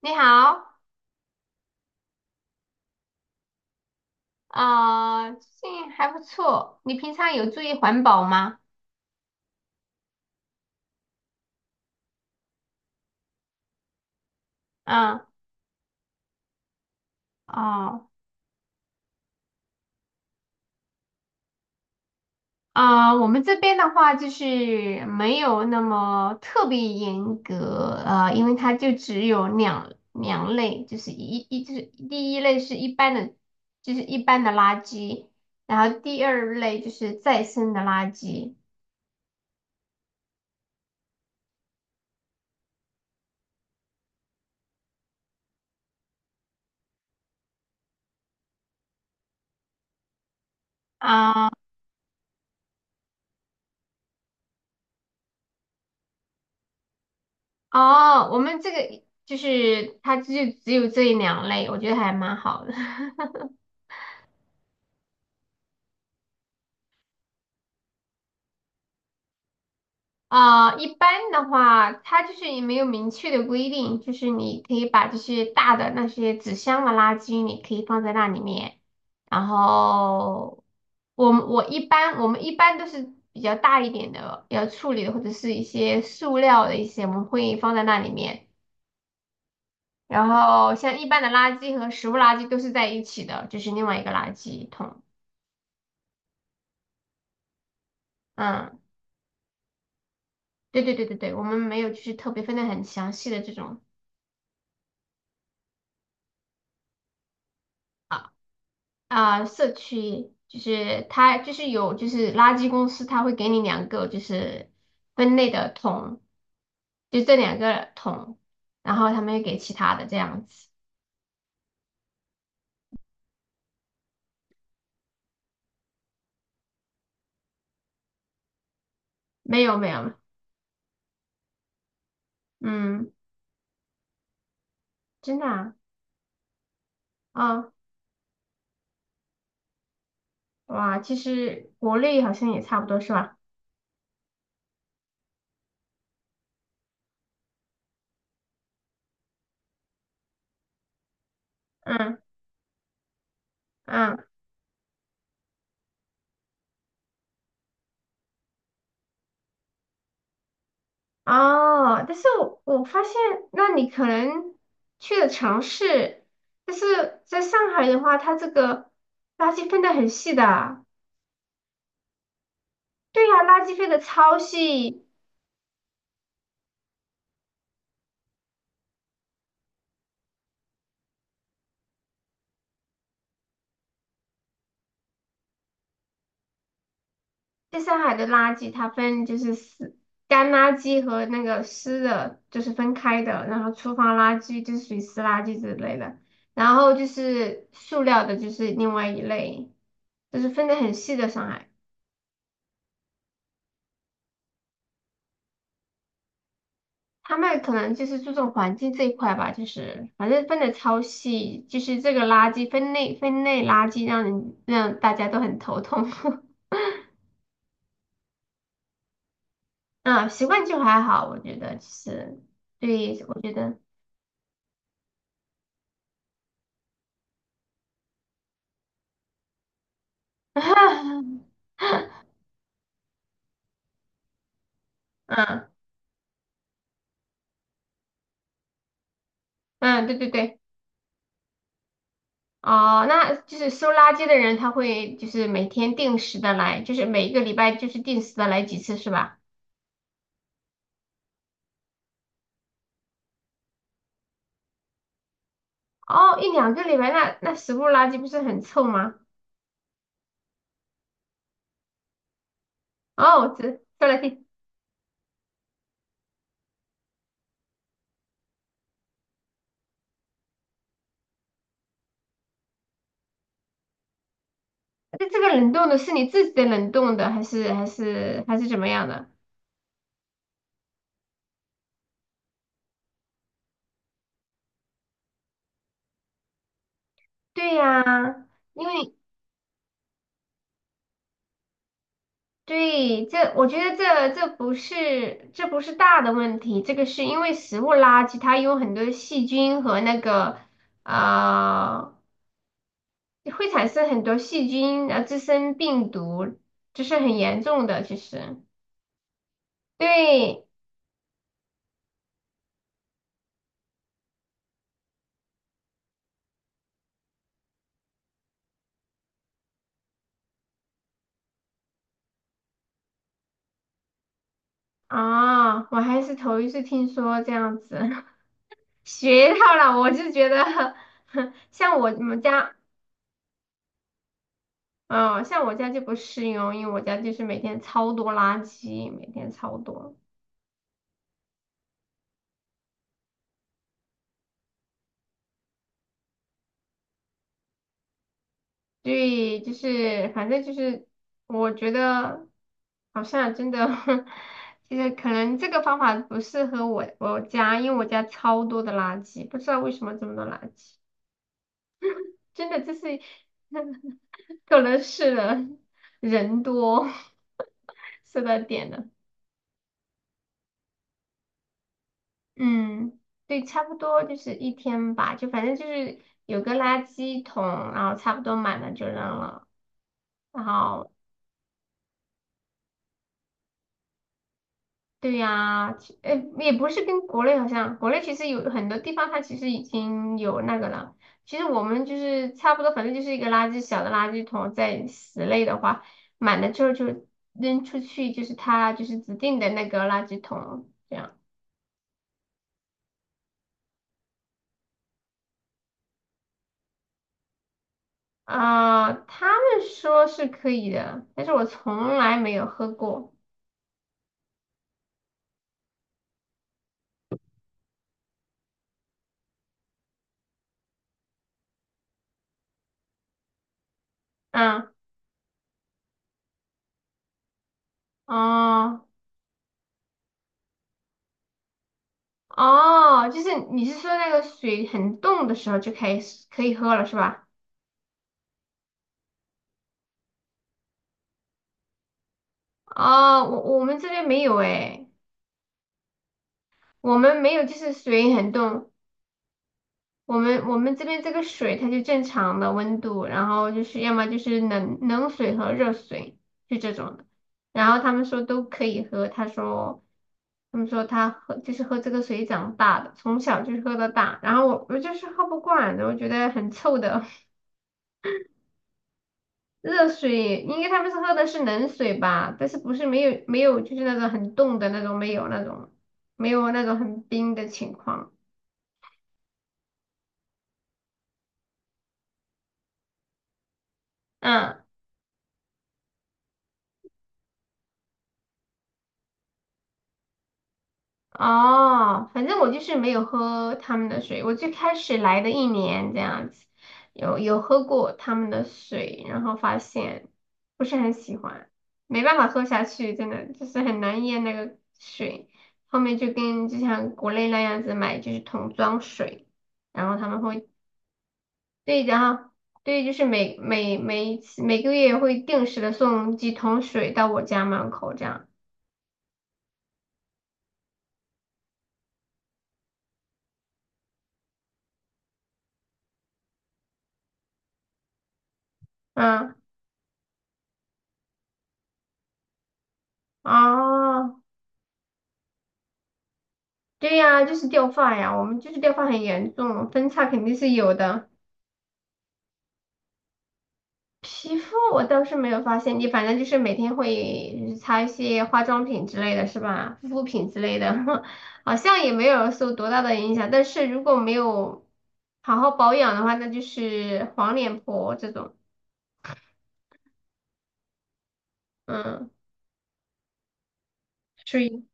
你好，啊，最近还不错。你平常有注意环保吗？嗯，哦，啊，我们这边的话就是没有那么特别严格，因为它就只有两类，就是就是第一类是一般的，就是一般的垃圾，然后第二类就是再生的垃圾。啊，哦，我们这个就是它就只有这两类，我觉得还蛮好的。啊，一般的话，它就是也没有明确的规定，就是你可以把这些大的那些纸箱的垃圾，你可以放在那里面。然后我们一般都是比较大一点的要处理的，或者是一些塑料的一些，我们会放在那里面。然后像一般的垃圾和食物垃圾都是在一起的，就是另外一个垃圾桶。嗯，对对对对对，我们没有就是特别分的很详细的这种。啊，社区就是它就是有就是垃圾公司，它会给你两个就是分类的桶，就这两个桶，然后他们又给其他的这样子。没有没有，嗯，真的啊，啊，哇，其实国内好像也差不多是吧？嗯嗯，哦，但是我发现，那你可能去的城市，但是在上海的话，它这个垃圾分得很细的。对呀，垃圾分的超细，在上海的垃圾它分就是湿干垃圾和那个湿的，就是分开的，然后厨房垃圾就是属于湿垃圾之类的，然后就是塑料的，就是另外一类，就是分的很细的上海，他们可能就是注重环境这一块吧，就是反正分的超细，就是这个垃圾分类垃圾让人让大家都很头痛。嗯，习惯就还好，我觉得就是对，我觉得。嗯嗯，对对对，哦，那就是收垃圾的人，他会就是每天定时的来，就是每一个礼拜就是定时的来几次是吧？哦，一两个礼拜，那食物垃圾不是很臭吗？哦，这说来听，那这个冷冻的是你自己的冷冻的，还是怎么样的？对呀，因为对，这我觉得这不是大的问题，这个是因为食物垃圾它有很多细菌和那个呃会产生很多细菌，然后滋生病毒，这是很严重的。其实对啊，我还是头一次听说这样子，学到了，我就觉得 像我们家，嗯，像我家就不适用，因为我家就是每天超多垃圾，每天超多。对，就是反正就是我觉得好像真的 就是可能这个方法不适合我家，因为我家超多的垃圾，不知道为什么这么多垃圾，真的就是 可能是人多。 是到点了。嗯，对，差不多就是一天吧，就反正就是有个垃圾桶，然后差不多满了就扔了，然后。对呀，也不是跟国内好像，国内其实有很多地方它其实已经有那个了。其实我们就是差不多，反正就是一个垃圾小的垃圾桶，在室内的话，满了之后就扔出去，就是它就是指定的那个垃圾桶这样。啊，他们说是可以的，但是我从来没有喝过。嗯，哦哦，就是你是说那个水很冻的时候就开始可以喝了是吧？哦，我们这边没有诶，我们没有，就是水很冻。我们这边这个水它就正常的温度，然后就是要么就是冷水和热水，就这种的。然后他们说都可以喝，他说他们说他喝就是喝这个水长大的，从小就是喝到大。然后我就是喝不惯的，我觉得很臭的。热水，应该他们是喝的是冷水吧？但是不是没有就是那种很冻的那种，没有那种很冰的情况。嗯，哦，反正我就是没有喝他们的水。我最开始来的一年这样子，有喝过他们的水，然后发现不是很喜欢，没办法喝下去，真的就是很难咽那个水。后面就跟就像国内那样子买就是桶装水。然后他们会对，的哈，对，就是每个月会定时的送几桶水到我家门口这样。嗯，哦，对呀，就是掉发呀，我们就是掉发很严重，分叉肯定是有的。皮肤我倒是没有发现，你反正就是每天会就是擦一些化妆品之类的是吧？护肤品之类的，好像也没有受多大的影响。但是如果没有好好保养的话，那就是黄脸婆这种。嗯，所以，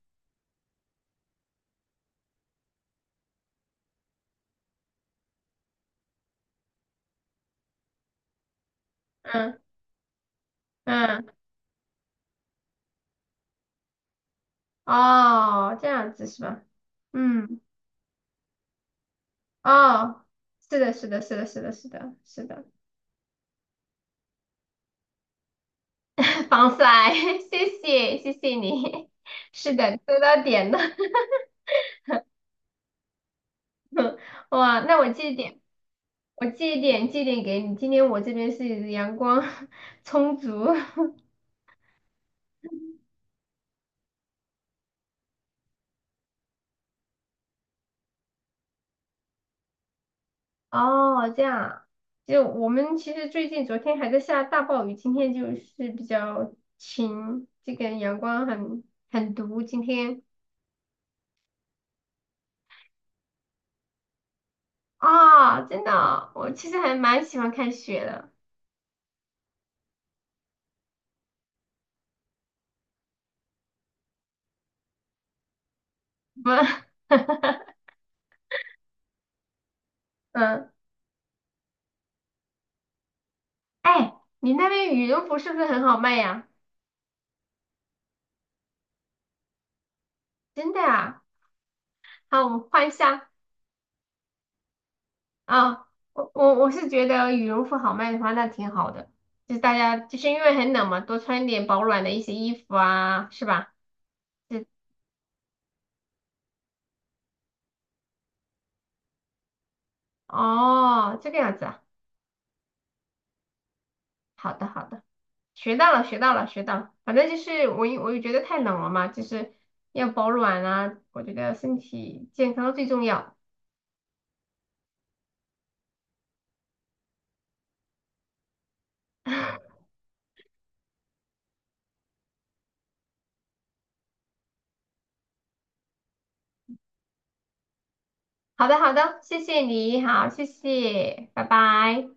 嗯嗯。哦，这样子是吧？嗯，哦，是的，是的，是的，是的，是的，是的，防晒，谢谢，谢谢你，是的，说到点了，哇，那我借一点，我借一点，借一点给你。今天我这边是阳光 充足。哦，这样啊。就我们其实最近昨天还在下大暴雨，今天就是比较晴，这个阳光很毒，今天。啊，真的哦，我其实还蛮喜欢看雪的。不，嗯，哎，你那边羽绒服是不是很好卖呀？真的啊？好，我们换一下啊。我是觉得羽绒服好卖的话，那挺好的。就是大家就是因为很冷嘛，多穿一点保暖的一些衣服啊，是吧？是哦，这个样子啊。好的好的，学到了学到了学到了。反正就是我觉得太冷了嘛，就是要保暖啊。我觉得身体健康最重要。好的，好的，谢谢你，好，谢谢，拜拜。